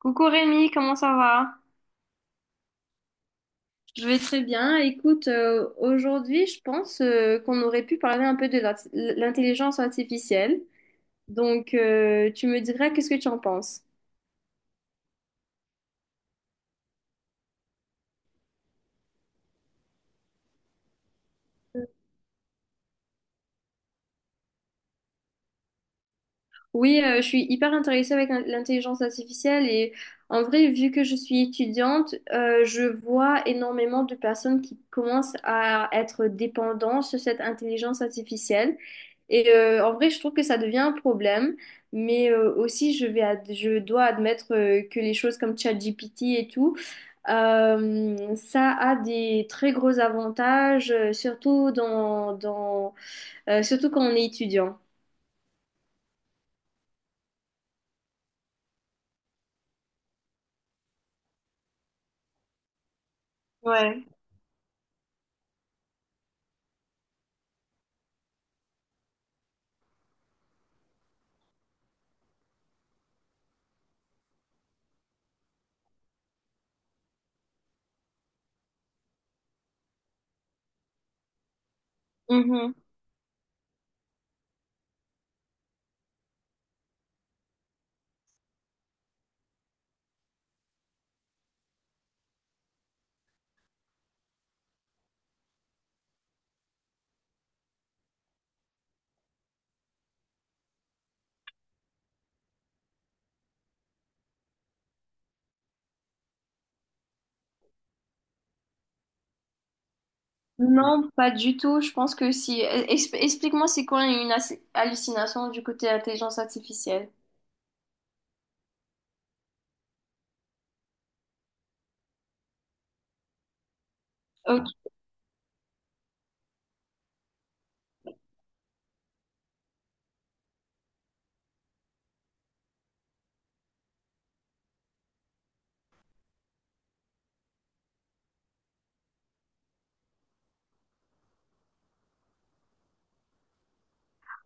Coucou Rémi, comment ça va? Je vais très bien. Écoute, aujourd'hui, je pense qu'on aurait pu parler un peu de l'intelligence artificielle. Donc, tu me diras qu'est-ce que tu en penses? Oui, je suis hyper intéressée avec l'intelligence artificielle et en vrai, vu que je suis étudiante, je vois énormément de personnes qui commencent à être dépendantes sur cette intelligence artificielle. Et en vrai, je trouve que ça devient un problème, mais aussi je dois admettre que les choses comme ChatGPT et tout, ça a des très gros avantages, surtout dans, surtout quand on est étudiant. Ouais. Non, pas du tout. Je pense que si. Explique-moi, c'est quoi une hallucination du côté intelligence artificielle? Ok.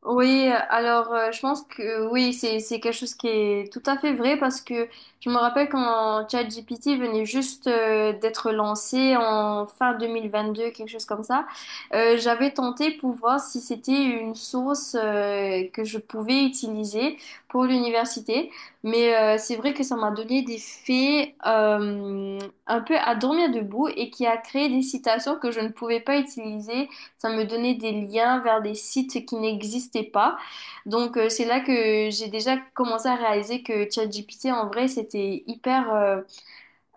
Oui, alors je pense que oui, c'est quelque chose qui est tout à fait vrai parce que je me rappelle quand ChatGPT venait juste d'être lancé en fin 2022, quelque chose comme ça, j'avais tenté pour voir si c'était une source que je pouvais utiliser pour l'université, mais c'est vrai que ça m'a donné des faits un peu à dormir debout et qui a créé des citations que je ne pouvais pas utiliser. Ça me donnait des liens vers des sites qui n'existaient pas. Donc, c'est là que j'ai déjà commencé à réaliser que ChatGPT, en vrai, c'était hyper... euh,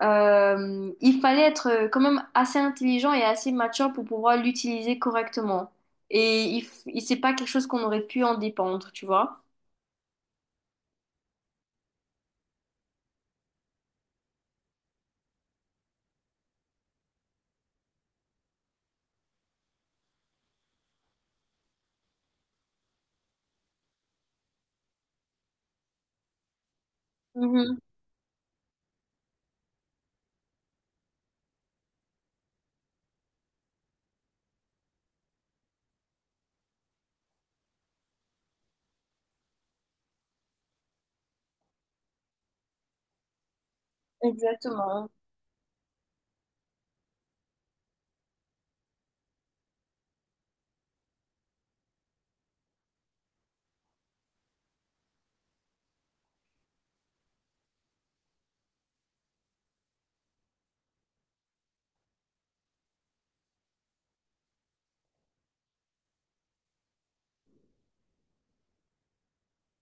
euh, il fallait être quand même assez intelligent et assez mature pour pouvoir l'utiliser correctement. Et c'est pas quelque chose qu'on aurait pu en dépendre, tu vois? Mhm, exactement.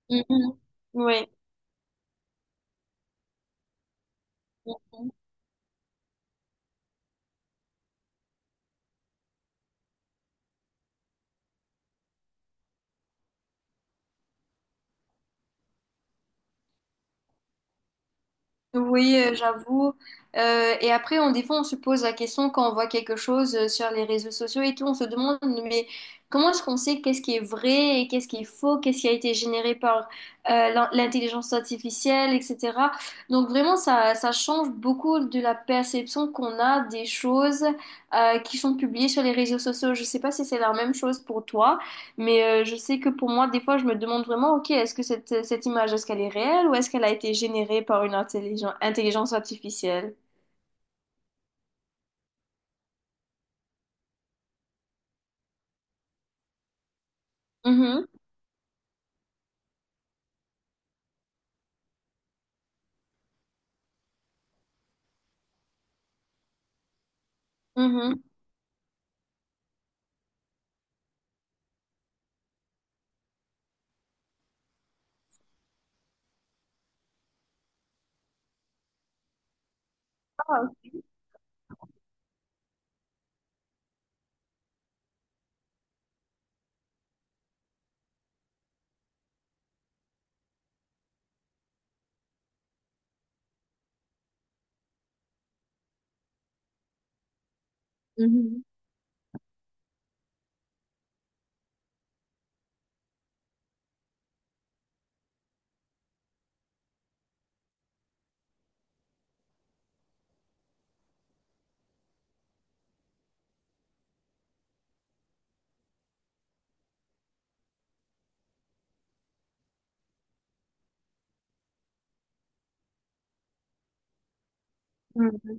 Mhm. Oui. Oui, j'avoue. Et après, on, des fois, on se pose la question quand on voit quelque chose sur les réseaux sociaux et tout, on se demande, mais comment est-ce qu'on sait qu'est-ce qui est vrai et qu'est-ce qui est faux, qu'est-ce qui a été généré par l'intelligence artificielle, etc. Donc vraiment, ça change beaucoup de la perception qu'on a des choses qui sont publiées sur les réseaux sociaux. Je sais pas si c'est la même chose pour toi. Mais je sais que pour moi, des fois, je me demande vraiment, ok, est-ce que cette image, est-ce qu'elle est réelle ou est-ce qu'elle a été générée par une intelligence artificielle? Mhm, mhm. Ah. Mm.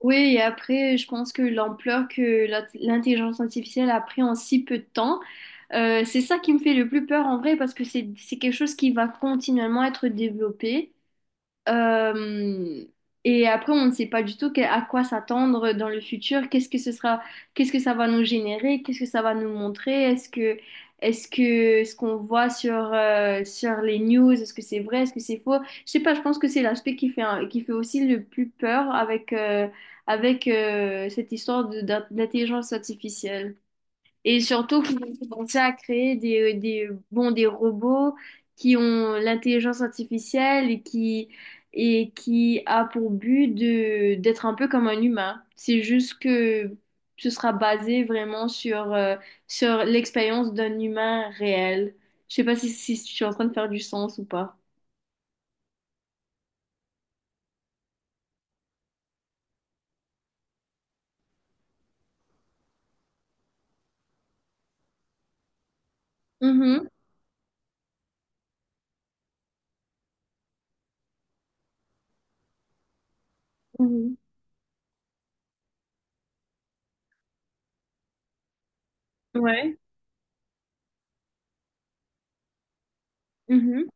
Oui, et après, je pense que l'ampleur que l'intelligence artificielle a pris en si peu de temps, c'est ça qui me fait le plus peur en vrai, parce que c'est quelque chose qui va continuellement être développé. Euh, et après, on ne sait pas du tout à quoi s'attendre dans le futur. Qu'est-ce que ce sera, qu'est-ce que ça va nous générer, qu'est-ce que ça va nous montrer. Est-ce que ce qu'on voit sur, sur les news, est-ce que c'est vrai, est-ce que c'est faux? Je sais pas. Je pense que c'est l'aspect qui fait, qui fait aussi le plus peur avec, avec cette histoire d'intelligence artificielle. Et surtout qu'ils ont commencé à créer des, bon, des robots qui ont l'intelligence artificielle et qui a pour but de, d'être un peu comme un humain. C'est juste que ce sera basé vraiment sur, sur l'expérience d'un humain réel. Je sais pas si, si je suis en train de faire du sens ou pas. Mhm, mhm. Ouais. Mhm.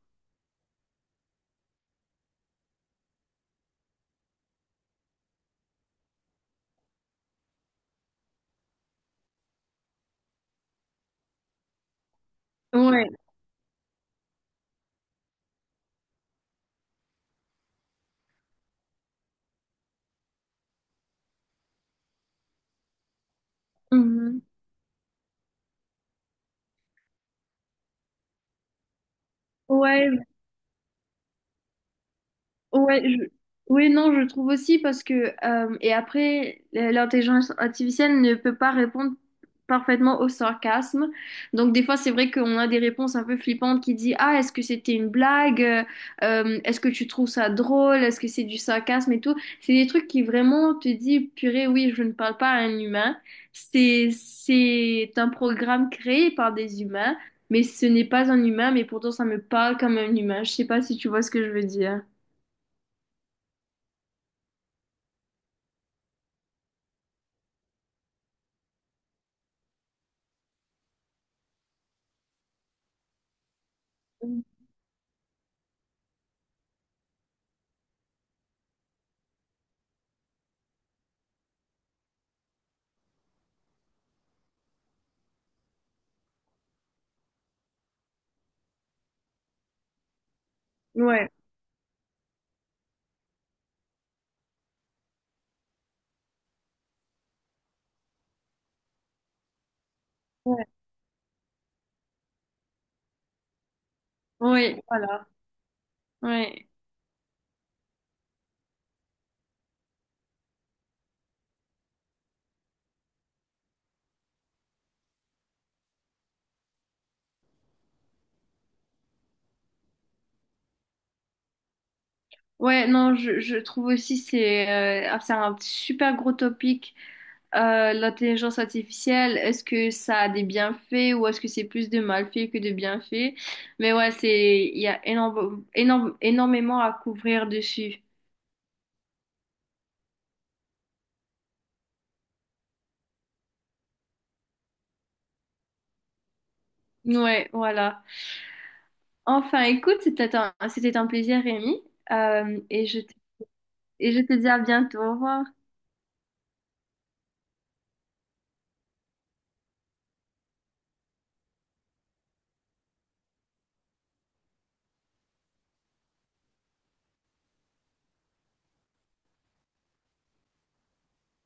Ouais. Mhm. Ouais. Ouais, je... Oui, non, je trouve aussi parce que, et après, l'intelligence artificielle ne peut pas répondre parfaitement au sarcasme. Donc, des fois, c'est vrai qu'on a des réponses un peu flippantes qui disent, ah, est-ce que c'était une blague? Est-ce que tu trouves ça drôle? Est-ce que c'est du sarcasme et tout? C'est des trucs qui vraiment te dit, purée, oui, je ne parle pas à un humain. C'est un programme créé par des humains, mais ce n'est pas un humain, mais pourtant, ça me parle comme un humain. Je sais pas si tu vois ce que je veux dire. Ouais, ouais, oui, voilà, ouais, ouais, non, je trouve aussi c'est c'est un super gros topic l'intelligence artificielle. Est-ce que ça a des bienfaits ou est-ce que c'est plus de malfaits que de bienfaits? Mais ouais, c'est il y a énorme, énorme, énormément à couvrir dessus. Ouais, voilà. Enfin, écoute, c'était un plaisir, Rémi. Euh, et je te- et je te dis à bientôt. Au revoir.